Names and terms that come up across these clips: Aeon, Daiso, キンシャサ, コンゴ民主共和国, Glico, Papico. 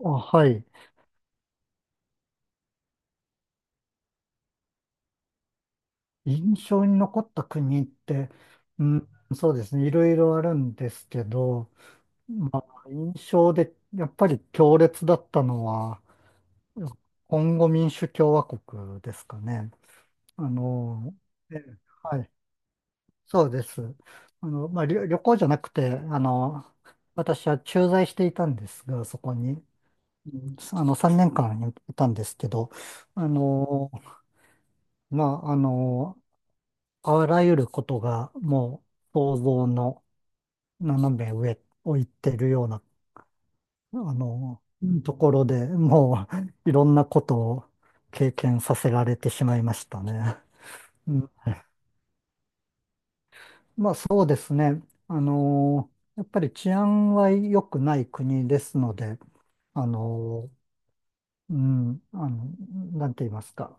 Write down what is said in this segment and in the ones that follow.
あ、はい。印象に残った国って、うん、そうですね。いろいろあるんですけど、まあ、印象でやっぱり強烈だったのは、コンゴ民主共和国ですかね。あの、ええ、はい。そうです。まあ、旅行じゃなくて、私は駐在していたんですが、そこに、3年間いたんですけど、あの、まあ、あの、あらゆることがもう想像の斜め上を行ってるような、あの、ところでもう いろんなことを経験させられてしまいましたね。うん、まあそうですね。やっぱり治安は良くない国ですので、あの、うん、あの、なんて言いますか。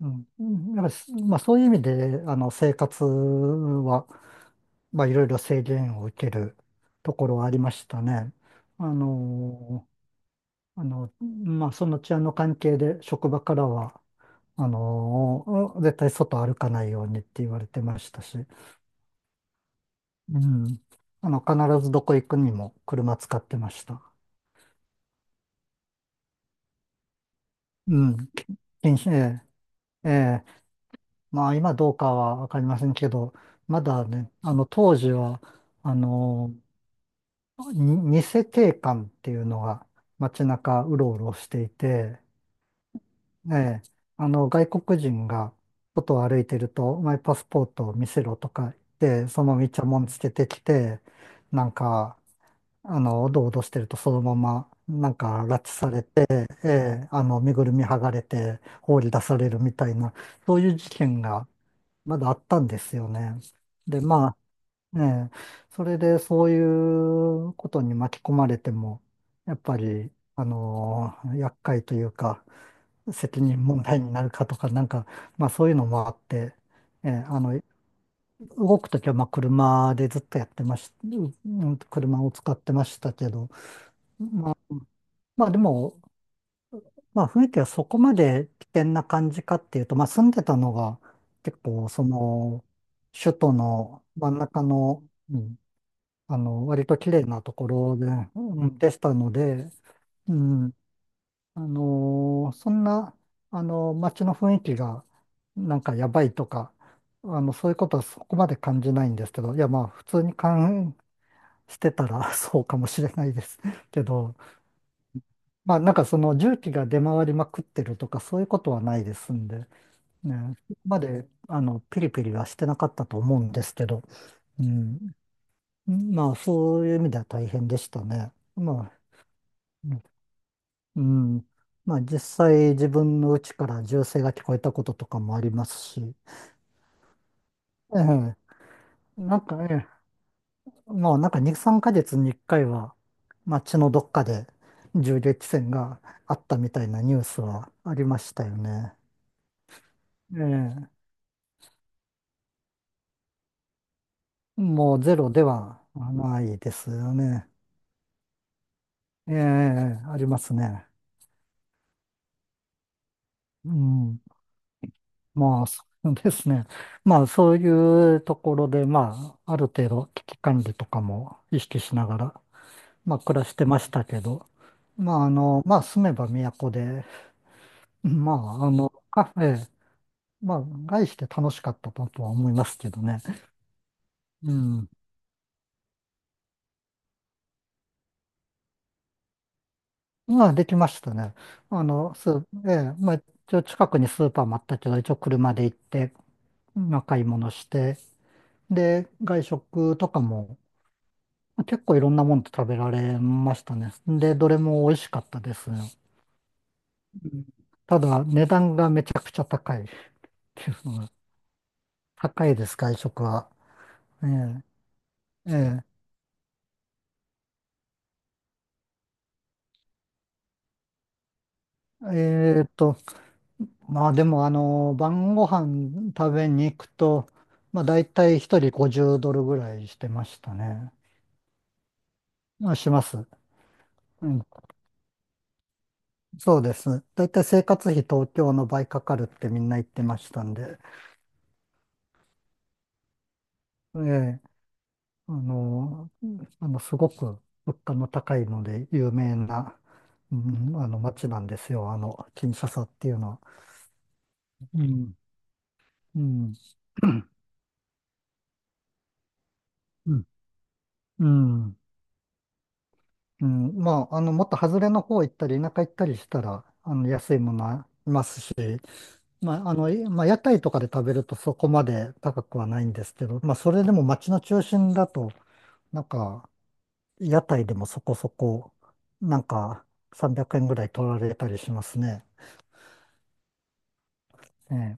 うん。うやっぱり、まあそういう意味で、生活は、まあいろいろ制限を受けるところはありましたね。あの、まあその治安の関係で職場からは、絶対外歩かないようにって言われてましたし、うん。必ずどこ行くにも車使ってました。うん。禁止、ええ、ええ、まあ今どうかはわかりませんけど、まだね、あの当時は、あの、偽警官っていうのが街中うろうろしていて、ええ、あの外国人が外を歩いてると、お前パスポートを見せろとか言って、そのままイチャモンつけてきて、なんか、おどおどしてるとそのまま、なんか拉致されて、ええ、身ぐるみ剥がれて放り出されるみたいな、そういう事件がまだあったんですよね。で、まあ、ええ、それでそういうことに巻き込まれても、やっぱり、厄介というか、責任問題になるかとか、なんか、まあそういうのもあって、ええ、動くときはまあ車でずっとやってまし、うん車を使ってましたけど、まあでも、まあ雰囲気はそこまで危険な感じかっていうと、まあ住んでたのが結構その、首都の真ん中の、うん割と綺麗なところで、うんでしたので、うん、そんな、街の雰囲気が、なんかやばいとか、そういうことはそこまで感じないんですけど、いや、まあ、普通に感してたら そうかもしれないですけど、まあ、なんかその重機が出回りまくってるとか、そういうことはないですんで、ね、そこまで、ピリピリはしてなかったと思うんですけど、うん、まあ、そういう意味では大変でしたね。まあ、うん。うんまあ実際自分の家から銃声が聞こえたこととかもありますし、ええ、なんかね、もうなんか2、3ヶ月に1回は、まあ血のどっかで銃撃戦があったみたいなニュースはありましたよね。ええ、もうゼロではないですよね。ええ、ありますね。うん。まあ、そうですね。まあ、そういうところで、まあ、ある程度危機管理とかも意識しながらまあ、暮らしてましたけど、住めば都で、まあ、あの、カフェ、まあ、外して楽しかったとは思いますけどね。うん。まあ、できましたね。あの、スー、ええ、まあ、一応近くにスーパーもあったけど、一応車で行って、まあ、買い物して、で、外食とかも、結構いろんなもの食べられましたね。で、どれも美味しかったです。うん。ただ、値段がめちゃくちゃ高いっていうのが、高いです、外食は。ええ、ええ、えーと、まあでもあの、晩ご飯食べに行くと、まあ大体一人50ドルぐらいしてましたね。まあします。うん、そうです。大体生活費東京の倍かかるってみんな言ってましたんで、ええ、あの、すごく物価の高いので有名な、うん、あの街なんですよ、あの、キンシャサっていうのは。うん、うん、うん、うん。うん、まあ、もっと外れの方行ったり、田舎行ったりしたら、安いものはいますし、まあ、屋台とかで食べるとそこまで高くはないんですけど、まあ、それでも街の中心だと、なんか、屋台でもそこそこ、なんか、300円ぐらい取られたりしますね。ええ、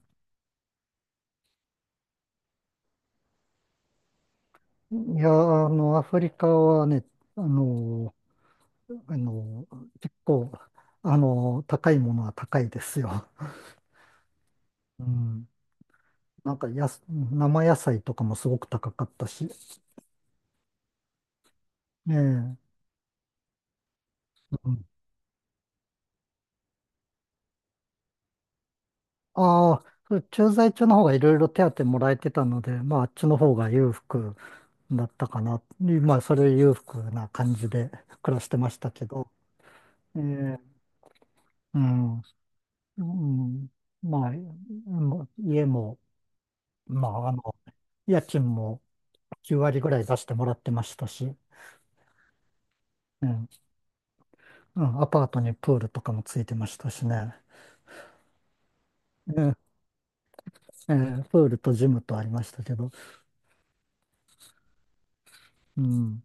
いや、あの、アフリカはね、あの、あの、結構、高いものは高いですよ。うん、なんか生野菜とかもすごく高かったし。ねえ。うん。ああ、それ駐在中の方がいろいろ手当もらえてたので、まああっちの方が裕福だったかな。まあそれ裕福な感じで暮らしてましたけど。ええ、うん。うん。まあ、もう家も、まああの、家賃も9割ぐらい出してもらってましたし、うん。うん、アパートにプールとかもついてましたしね。ええ、ええ、プールとジムとありましたけど。うん。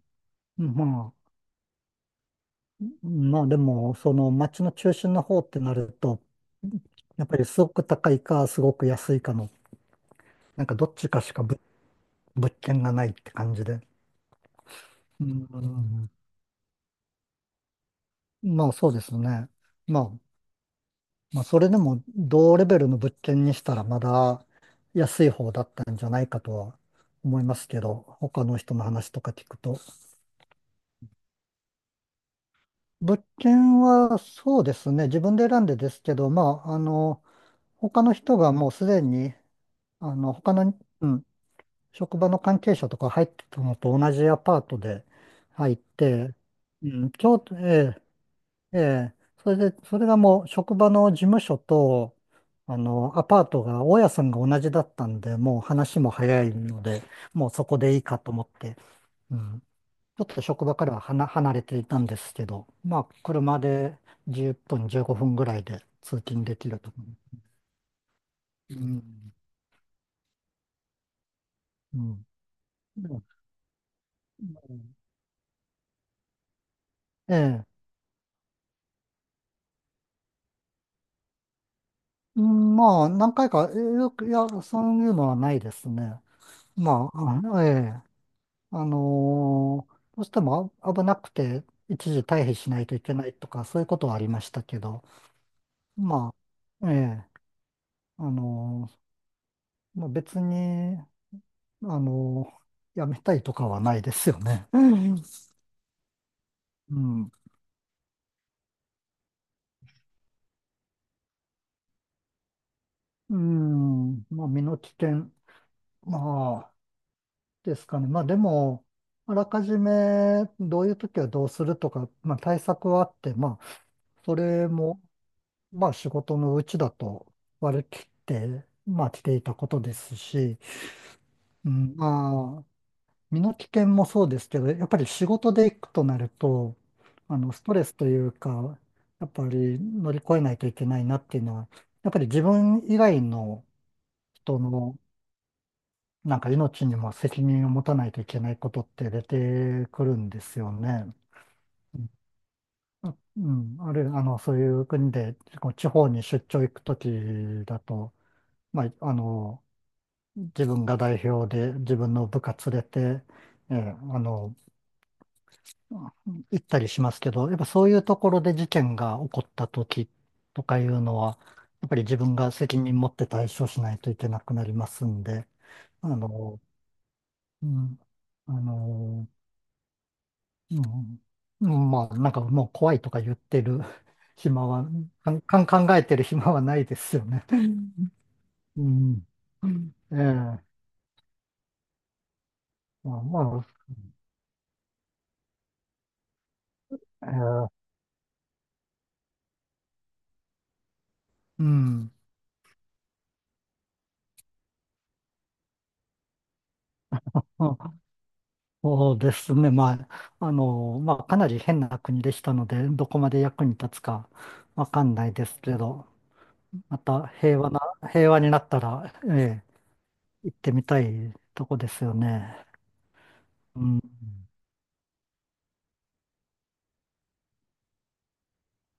まあ、まあでも、その街の中心の方ってなると、やっぱりすごく高いか、すごく安いかの、なんかどっちかしか物件がないって感じで。うん、まあそうですね。まあ、まあそれでも同レベルの物件にしたらまだ安い方だったんじゃないかとは思いますけど、他の人の話とか聞くと。物件はそうですね、自分で選んでですけど、まあ、他の人がもうすでにあの、他の、うん、職場の関係者とか入ってたのと同じアパートで入って、うん、ちょうど、ええ、ええ、それで、それがもう職場の事務所と、アパートが、大家さんが同じだったんで、もう話も早いので、もうそこでいいかと思って、うん、ちょっと職場からは離れていたんですけど、まあ、車で10分、15分ぐらいで通勤できると思う。うん、うん、うん、ええ、うん、まあ、何回か、えよく、いや、そういうのはないですね。まあ、え、あのーどうしても危なくて、一時退避しないといけないとか、そういうことはありましたけど、まあ、ええ、あのまあ、別に、あのーやめたいとかはないですよね。うん、うん、うん、まあ、身の危険、まあ、ですかね。まあ、でも、あらかじめどういう時はどうするとか、まあ、対策はあって、まあ、それも、まあ仕事のうちだと割り切って、まあ来ていたことですし、うん、まあ、身の危険もそうですけど、やっぱり仕事で行くとなると、ストレスというか、やっぱり乗り越えないといけないなっていうのは、やっぱり自分以外の人の、なんか命にも責任を持たないといけないことって出てくるんですよね。うん、あるいはそういう国で、こう地方に出張行くときだと、まあ、自分が代表で自分の部下連れて、えーあの、行ったりしますけど、やっぱそういうところで事件が起こった時とかいうのは、やっぱり自分が責任持って対処しないといけなくなりますんで、あの、うん、あの、うん、うんまあ、なんかもう怖いとか言ってる 暇は、かん、かん考えてる 暇はないですよね。うん。うん、ええ、まあ、まあ、ええ、うん。あ、そうですね。まあ、まあ、かなり変な国でしたので、どこまで役に立つかわかんないですけど、また平和な、平和になったら、ええ、行ってみたいとこですよね。うん。